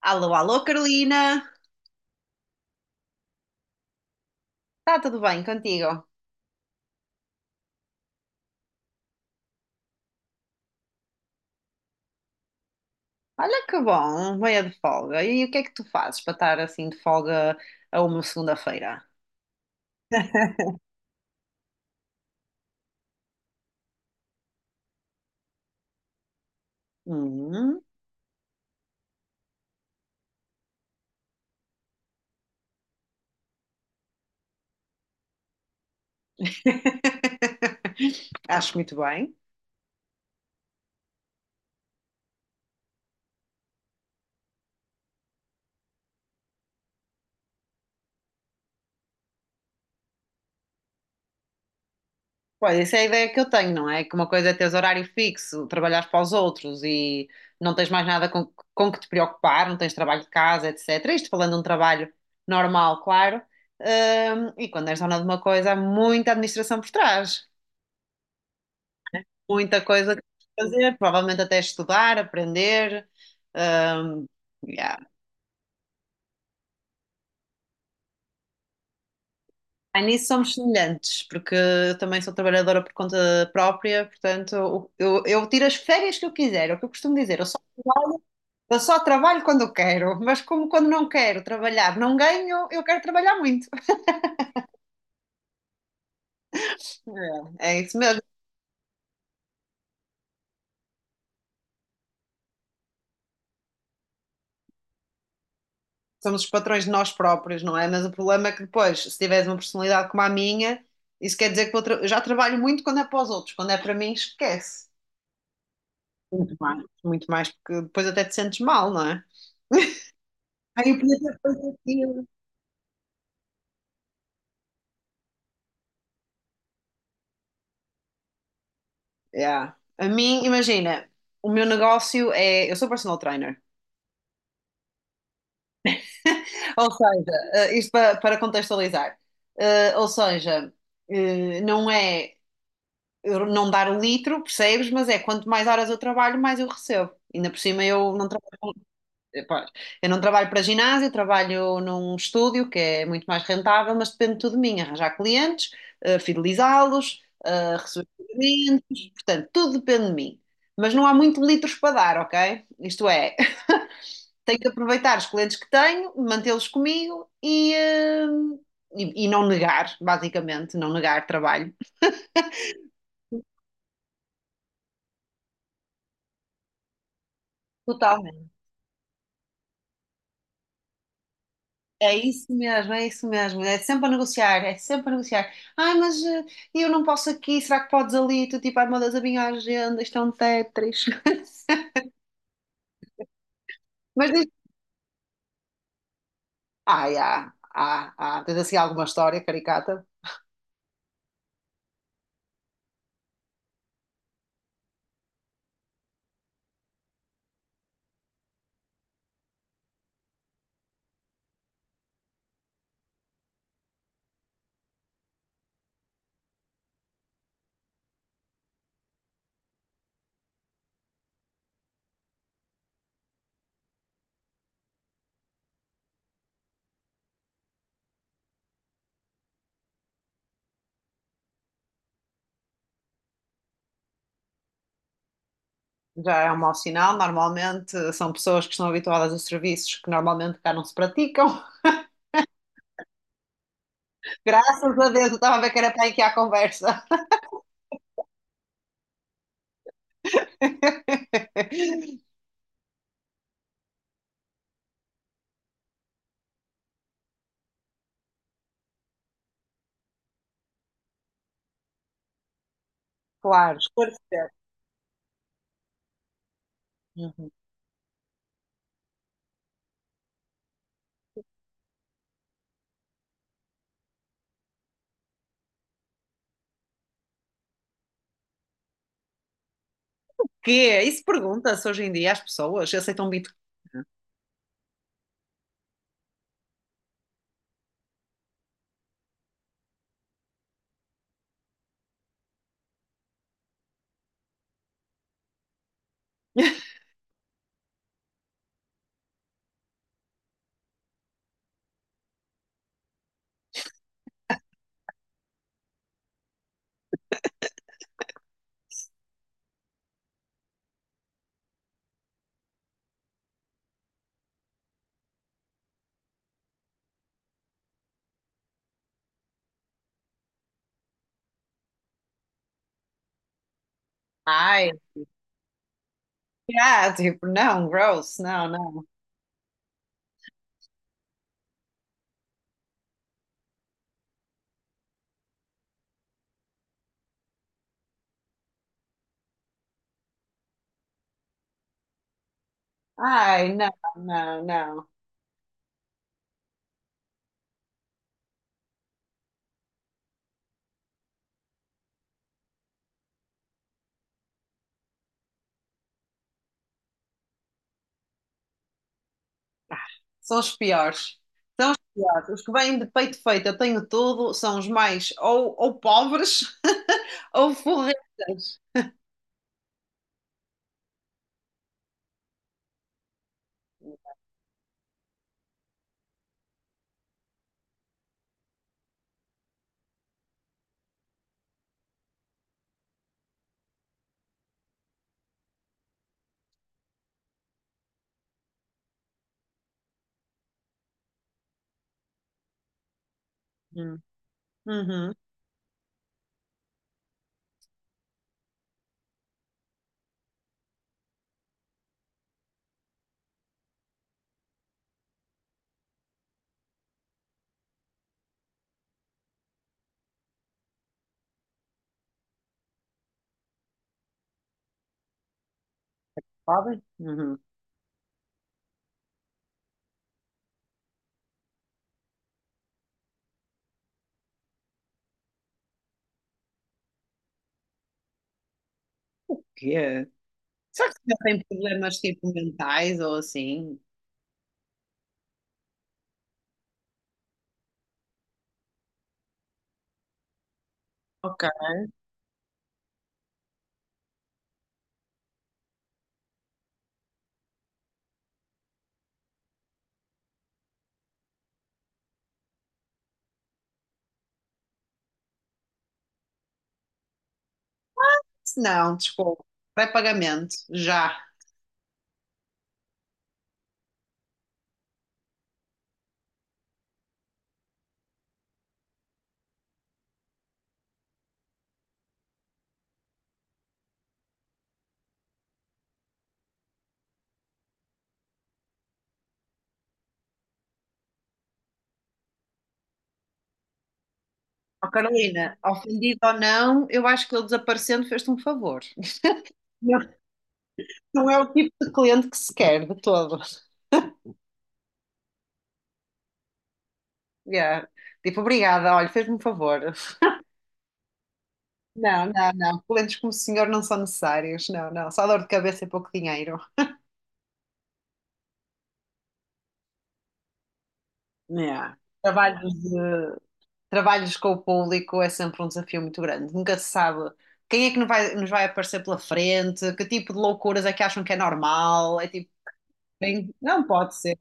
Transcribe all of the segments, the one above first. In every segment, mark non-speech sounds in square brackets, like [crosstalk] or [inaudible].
Alô, alô, Carolina. Está tudo bem contigo? Olha que bom, meia de folga. E o que é que tu fazes para estar assim de folga a uma segunda-feira? [laughs] Hum. [laughs] Acho muito bem. Pois, essa é a ideia que eu tenho, não é? Que uma coisa é teres horário fixo, trabalhares para os outros e não tens mais nada com que te preocupar, não tens trabalho de casa, etc. Isto falando de um trabalho normal, claro. E quando és dona de uma coisa, há muita administração por trás. Muita coisa que fazer, provavelmente até estudar, aprender. hum, yeah. Ah, nisso somos semelhantes, porque eu também sou trabalhadora por conta própria, portanto, eu tiro as férias que eu quiser, é o que eu costumo dizer, eu só trabalho quando eu quero, mas como quando não quero trabalhar, não ganho, eu quero trabalhar muito. É isso mesmo. Somos os patrões de nós próprios, não é? Mas o problema é que depois, se tiveres uma personalidade como a minha, isso quer dizer que eu já trabalho muito quando é para os outros, quando é para mim, esquece. Muito mais, porque depois até te sentes mal, não é? Ai, eu podia ter pedido. Yeah. A mim, imagina, o meu negócio é. Eu sou personal trainer. Ou seja, isto para contextualizar. Ou seja, não é eu não dar o litro, percebes? Mas é quanto mais horas eu trabalho, mais eu recebo. Ainda por cima eu não. Pois. Eu não trabalho para ginásio, trabalho num estúdio que é muito mais rentável, mas depende tudo de mim, arranjar clientes, fidelizá-los, receber clientes, portanto, tudo depende de mim. Mas não há muito litros para dar, ok? Isto é, [laughs] tenho que aproveitar os clientes que tenho, mantê-los comigo e não negar, basicamente, não negar trabalho. Total. É isso mesmo, é isso mesmo. É sempre a negociar, é sempre a negociar. Ai, mas eu não posso aqui, será que podes ali? Tu tipo, ai meu Deus, a minha agenda, isto é um Tetris. [laughs] Mas diz, ai, tens assim alguma história caricata? Já é um mau sinal, normalmente são pessoas que estão habituadas a serviços que normalmente cá não se praticam. Graças a Deus, eu estava a ver que era para aqui a conversa. [laughs] Claro, esclarecer. Uhum. Que é, isso pergunta-se hoje em dia às pessoas, se aceitam Bitcoin. [laughs] Ai, tipo, não, gross, não, não. Ai, não, não, não. São os piores. Piores. Os que vêm de peito feito, eu tenho tudo, são os mais ou pobres [laughs] ou forretas. Hum. Uhum. Pobre? Uhum. O quê? Será que já tem problemas tipo mentais ou assim? Ok. Não, desculpa. Vai pagamento, já. Ó Carolina, ofendido ou não, eu acho que ele desaparecendo fez-te um favor. Não, não é o tipo de cliente que se quer, de todo. Yeah. Tipo, obrigada, olha, fez-me um favor. Não, não, não. Clientes como o senhor não são necessários. Não, não. Só dor de cabeça e pouco dinheiro. Yeah. Trabalhos, trabalhos com o público é sempre um desafio muito grande. Nunca se sabe quem é que nos vai aparecer pela frente, que tipo de loucuras é que acham que é normal. É tipo, bem, não pode ser.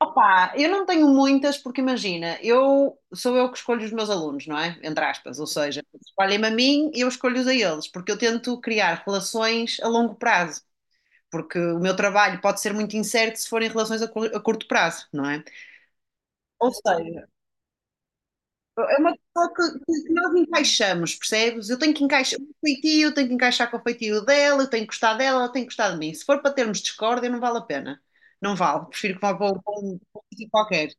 Opa, eu não tenho muitas porque imagina, eu sou eu que escolho os meus alunos, não é? Entre aspas, ou seja, escolhem-me a mim e eu escolho-os a eles, porque eu tento criar relações a longo prazo, porque o meu trabalho pode ser muito incerto se forem relações a curto prazo, não é? Ou seja, é uma pessoa que nós encaixamos, percebes? Eu tenho que encaixar o feitio, tenho que encaixar com o feitio dela, eu tenho que gostar dela, ela tem que gostar de mim. Se for para termos discórdia, não vale a pena. Não vale, prefiro que vá para um sítio qualquer.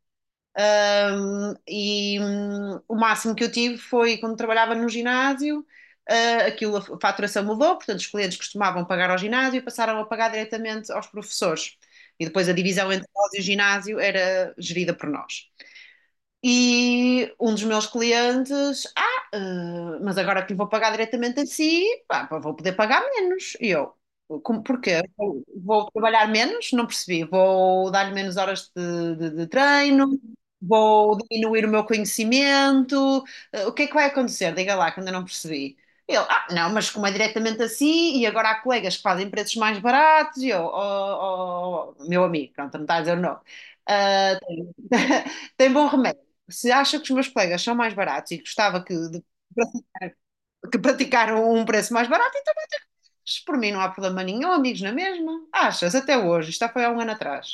O máximo que eu tive foi quando trabalhava no ginásio, aquilo, a faturação mudou, portanto, os clientes costumavam pagar ao ginásio e passaram a pagar diretamente aos professores. E depois a divisão entre nós e o ginásio era gerida por nós. E um dos meus clientes, mas agora que lhe vou pagar diretamente a si, pá, pá, vou poder pagar menos. E eu, como, porquê? Vou trabalhar menos? Não percebi. Vou dar-lhe menos horas de treino, vou diminuir o meu conhecimento. O que é que vai acontecer? Diga lá, que ainda não percebi. Ele, não, mas como é diretamente assim, e agora há colegas que fazem preços mais baratos, e eu, meu amigo, pronto, não está a dizer não. Ah, tem, [laughs] tem bom remédio. Se acha que os meus colegas são mais baratos e gostava que praticaram um preço mais barato, então vai ter que. Por mim não há problema nenhum, amigos na mesma. Achas? Até hoje. Isto já foi há um ano atrás.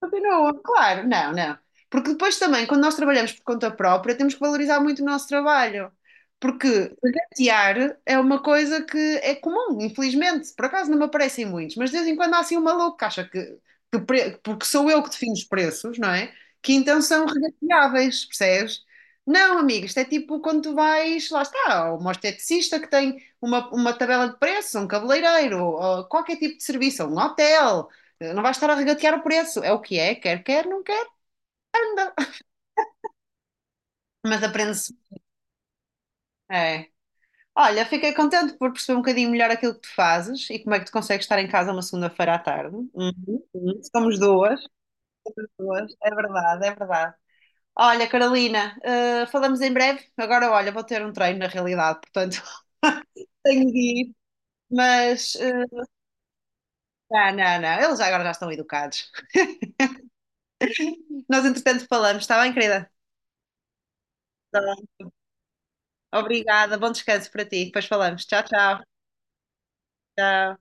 Continua, claro, não, não. Porque depois também, quando nós trabalhamos por conta própria, temos que valorizar muito o nosso trabalho. Porque latear é uma coisa que é comum, infelizmente. Por acaso não me aparecem muitos, mas de vez em quando há assim um maluco que acha que, porque sou eu que defino os preços, não é? Que então são regateáveis, percebes? Não, amigo, isto é tipo quando tu vais, lá está, ou uma esteticista que tem uma tabela de preços, ou um cabeleireiro, ou qualquer tipo de serviço, ou um hotel. Não vais estar a regatear o preço. É o que é, quer, não quer, anda. Mas aprende-se. É. Olha, fiquei contente por perceber um bocadinho melhor aquilo que tu fazes e como é que tu consegues estar em casa uma segunda-feira à tarde. Uhum, uhum. Somos duas, duas. É verdade, é verdade. Olha, Carolina, falamos em breve. Agora, olha, vou ter um treino na realidade, portanto, [laughs] tenho de ir. Mas, não, não, não, eles agora já estão educados. [laughs] Nós, entretanto, falamos, está bem, querida? Tá bem. Obrigada, bom descanso para ti. Depois falamos. Tchau, tchau. Tchau.